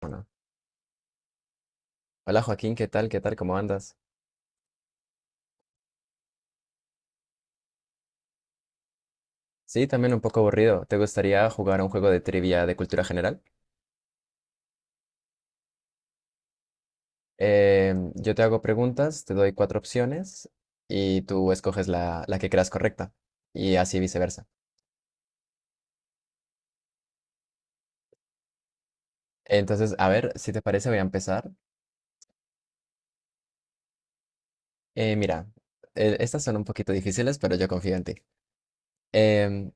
Bueno, hola Joaquín, ¿qué tal? ¿Qué tal? ¿Cómo andas? Sí, también un poco aburrido. ¿Te gustaría jugar a un juego de trivia de cultura general? Yo te hago preguntas, te doy cuatro opciones y tú escoges la que creas correcta y así viceversa. Entonces, a ver, si te parece, voy a empezar. Mira, estas son un poquito difíciles, pero yo confío en ti. Em,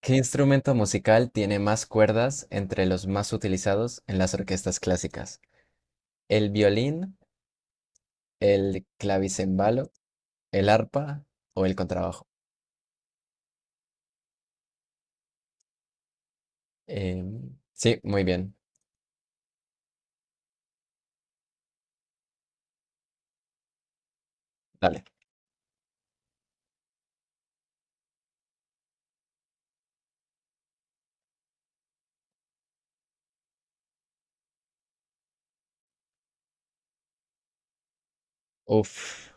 ¿Qué instrumento musical tiene más cuerdas entre los más utilizados en las orquestas clásicas? ¿El violín, el clavicembalo? ¿El arpa o el contrabajo? Sí, muy bien. Dale. Uf,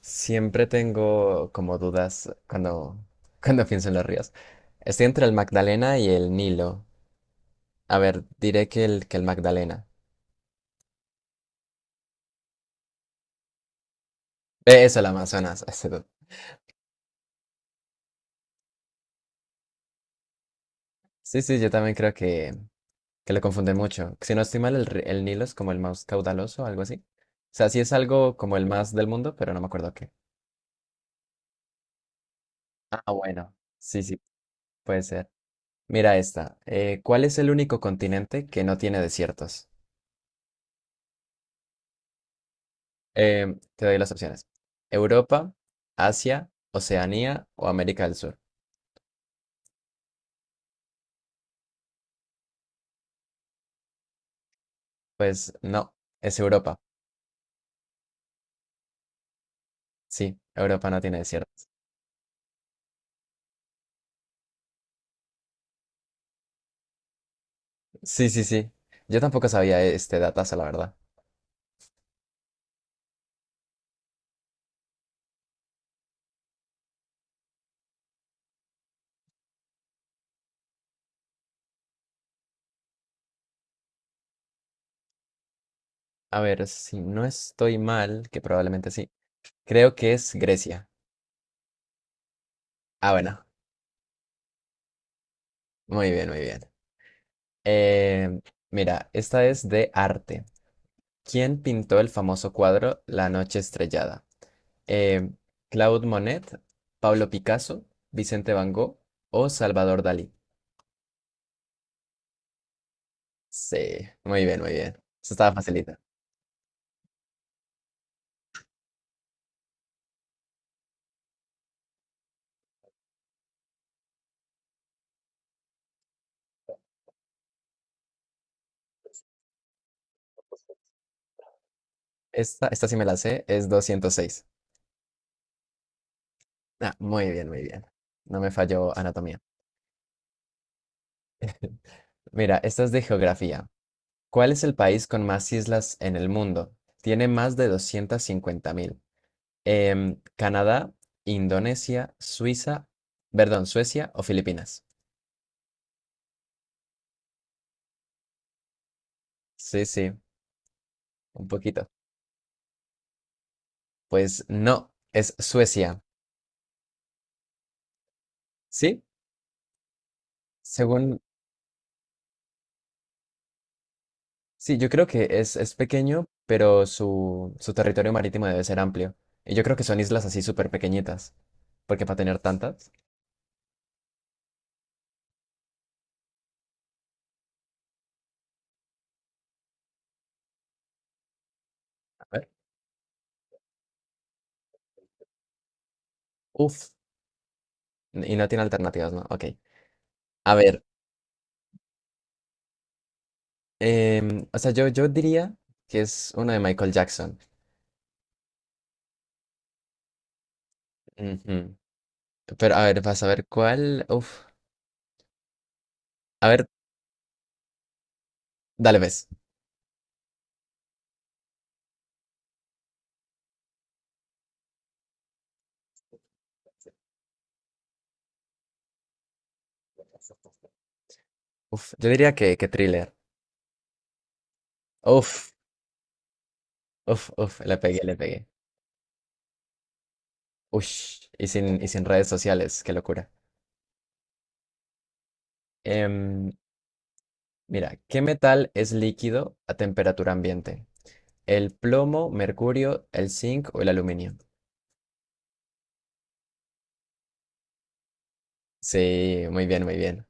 Siempre tengo como dudas cuando, cuando pienso en los ríos. Estoy entre el Magdalena y el Nilo. A ver, diré que el Magdalena. Eso, el Amazonas. ese. Sí, sí, yo también creo que lo confunden mucho. Si no estoy mal, el Nilo es como el más caudaloso algo así. O sea, sí es algo como el más del mundo, pero no me acuerdo qué. Ah, bueno. Sí, sí, puede ser. Mira esta. ¿Cuál es el único continente que no tiene desiertos? Te doy las opciones. Europa, Asia, Oceanía o América del Sur. Pues no, es Europa. Sí, Europa no tiene desiertos. Sí, sí, sí. Yo tampoco sabía este datazo, la verdad. A ver, si no estoy mal, que probablemente sí. Creo que es Grecia. Ah, bueno. Muy bien, muy bien. Em, Mira, esta es de arte. ¿Quién pintó el famoso cuadro La noche estrellada? Eh, Claude Monet, Pablo Picasso, Vicente Van Gogh o Salvador Dalí. Sí, muy bien, muy bien. Esta estaba facilita. Esta sí me la sé, es 206. Ah, muy bien, muy bien. No me falló anatomía. Mira, esta es de geografía. ¿Cuál es el país con más islas en el mundo? Tiene más de 250.000. Canadá, Indonesia, Suiza, perdón, Suecia o Filipinas. Sí, sí, un poquito. Pues no, es Suecia. Sí, según, sí, yo creo que es pequeño, pero su territorio marítimo debe ser amplio. Y yo creo que son islas así súper pequeñitas, porque para tener tantas, a ver, uff, y no tiene alternativas, ¿no? Ok. A ver, o sea, yo diría que es una de Michael Jackson. Ujú. Pero a ver, vas a ver cuál, a ver, dale, ves. Yo diría que Thriller. Uf, Le pegué, le pegué. Ush, y sin redes sociales, qué locura. Em, Mira, ¿qué metal es líquido a temperatura ambiente? ¿El plomo, mercurio, el zinc o el aluminio? Sí, muy bien, muy bien.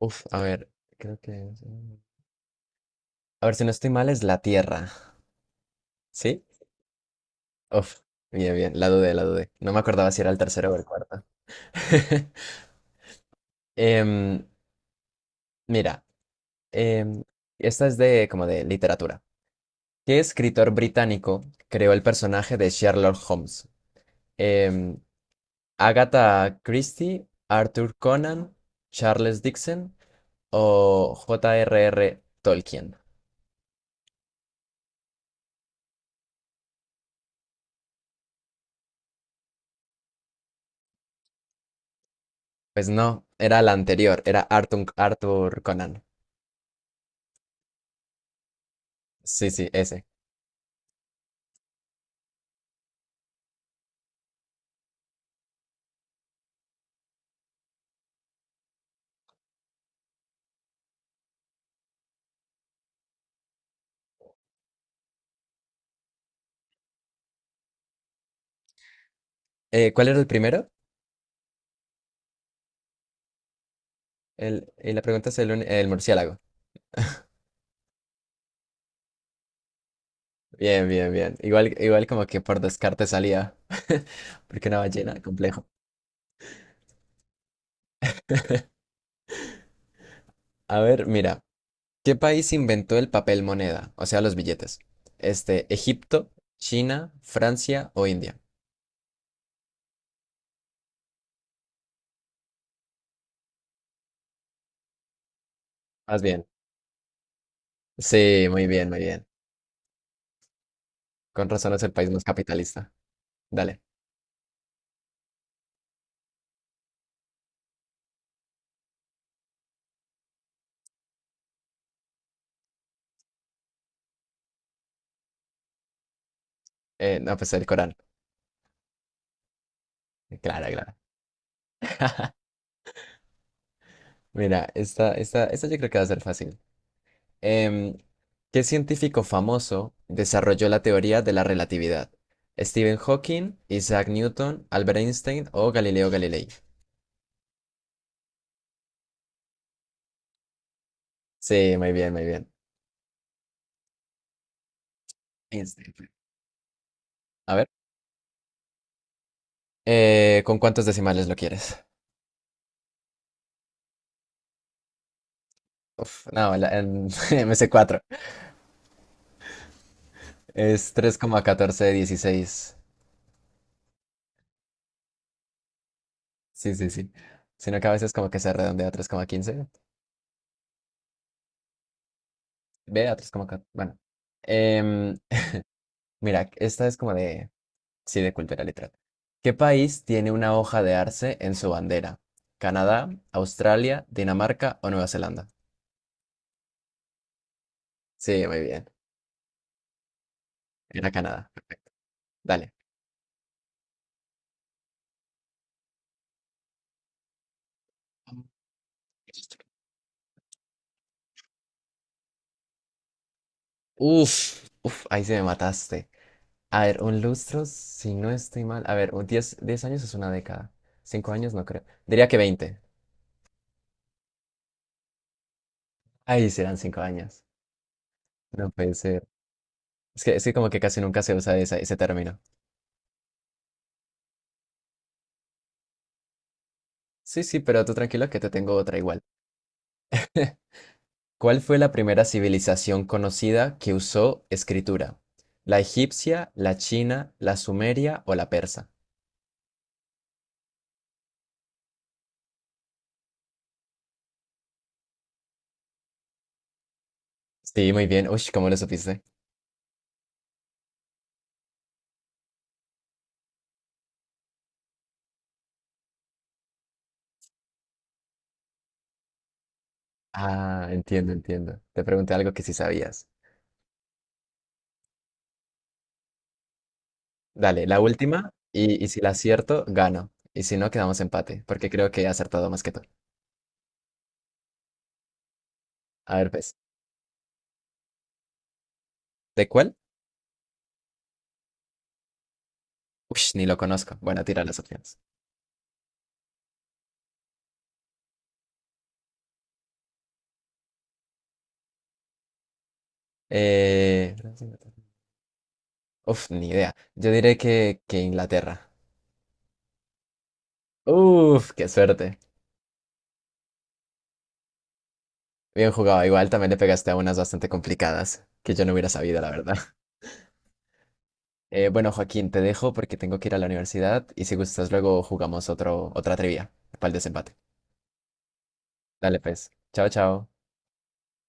A ver, creo que... A ver, si no estoy mal, es la Tierra. ¿Sí? Uf, Bien, bien, la dudé, la dudé. No me acordaba si era el tercero o el cuarto. Em, Mira, em, esta es de como de literatura. ¿Qué escritor británico creó el personaje de Sherlock Holmes? Em, Agatha Christie, Arthur Conan, Charles Dickens o J.R.R. Tolkien. Pues no, era la anterior, era Arthur Conan. Sí, sí, ese. ¿Cuál era el primero? Y la pregunta es el murciélago. Bien, bien, bien. Igual, igual como que por descarte salía. Porque una ballena, complejo. A ver, mira. ¿Qué país inventó el papel moneda? O sea, los billetes. Este, Egipto, China, Francia o India. Más bien. Sí, muy bien, muy bien. Con razón es el país más capitalista. Dale. No, pues el Corán. Claro, claro. Mira, esta yo creo que va a ser fácil. Em, ¿Qué científico famoso desarrolló la teoría de la relatividad? ¿Stephen Hawking, Isaac Newton, Albert Einstein o Galileo Galilei? Sí, muy bien, muy bien. Einstein. A ver, ¿con cuántos decimales lo quieres? Uf, no, me sé cuatro. Es 3,1416. Sí, sí, sí. Sino que a veces como que se redondea a 3,15, ve a 3,4. Bueno, Em, mira, esta es como de, sí, de cultura literal. ¿Qué país tiene una hoja de arce en su bandera? ¿Canadá, Australia, Dinamarca o Nueva Zelanda? Sí, muy bien. Era Canadá. Perfecto. Dale. Ahí se me mataste. A ver, un lustro, si no estoy mal. A ver, un 10 10 años es una década. 5 años no creo. Diría que 20. Ahí serán 5 años. No pensé. Es que como que casi nunca se usa ese término. Sí, sí, pero tú tranquilo que te tengo otra igual. ¿Cuál fue la primera civilización conocida que usó escritura? ¿La egipcia, la china, la sumeria o la persa? Sí, muy bien. Uy, ¿cómo lo supiste? Ah, entiendo, entiendo. Te pregunté algo que sí sabías. Dale, la última y si la acierto, gano. Y si no, quedamos empate, porque creo que he acertado más que tú. A ver, pues. ¿De cuál? Uy, ni lo conozco. Bueno, tira las opciones. Eh... ni idea. Yo diré que Inglaterra. Qué suerte. Bien jugado. Igual también le pegaste a unas bastante complicadas que yo no hubiera sabido, la verdad. Bueno, Joaquín, te dejo porque tengo que ir a la universidad y si gustas luego jugamos otro, otra trivia para el desempate. Dale, pues. Chao, chao.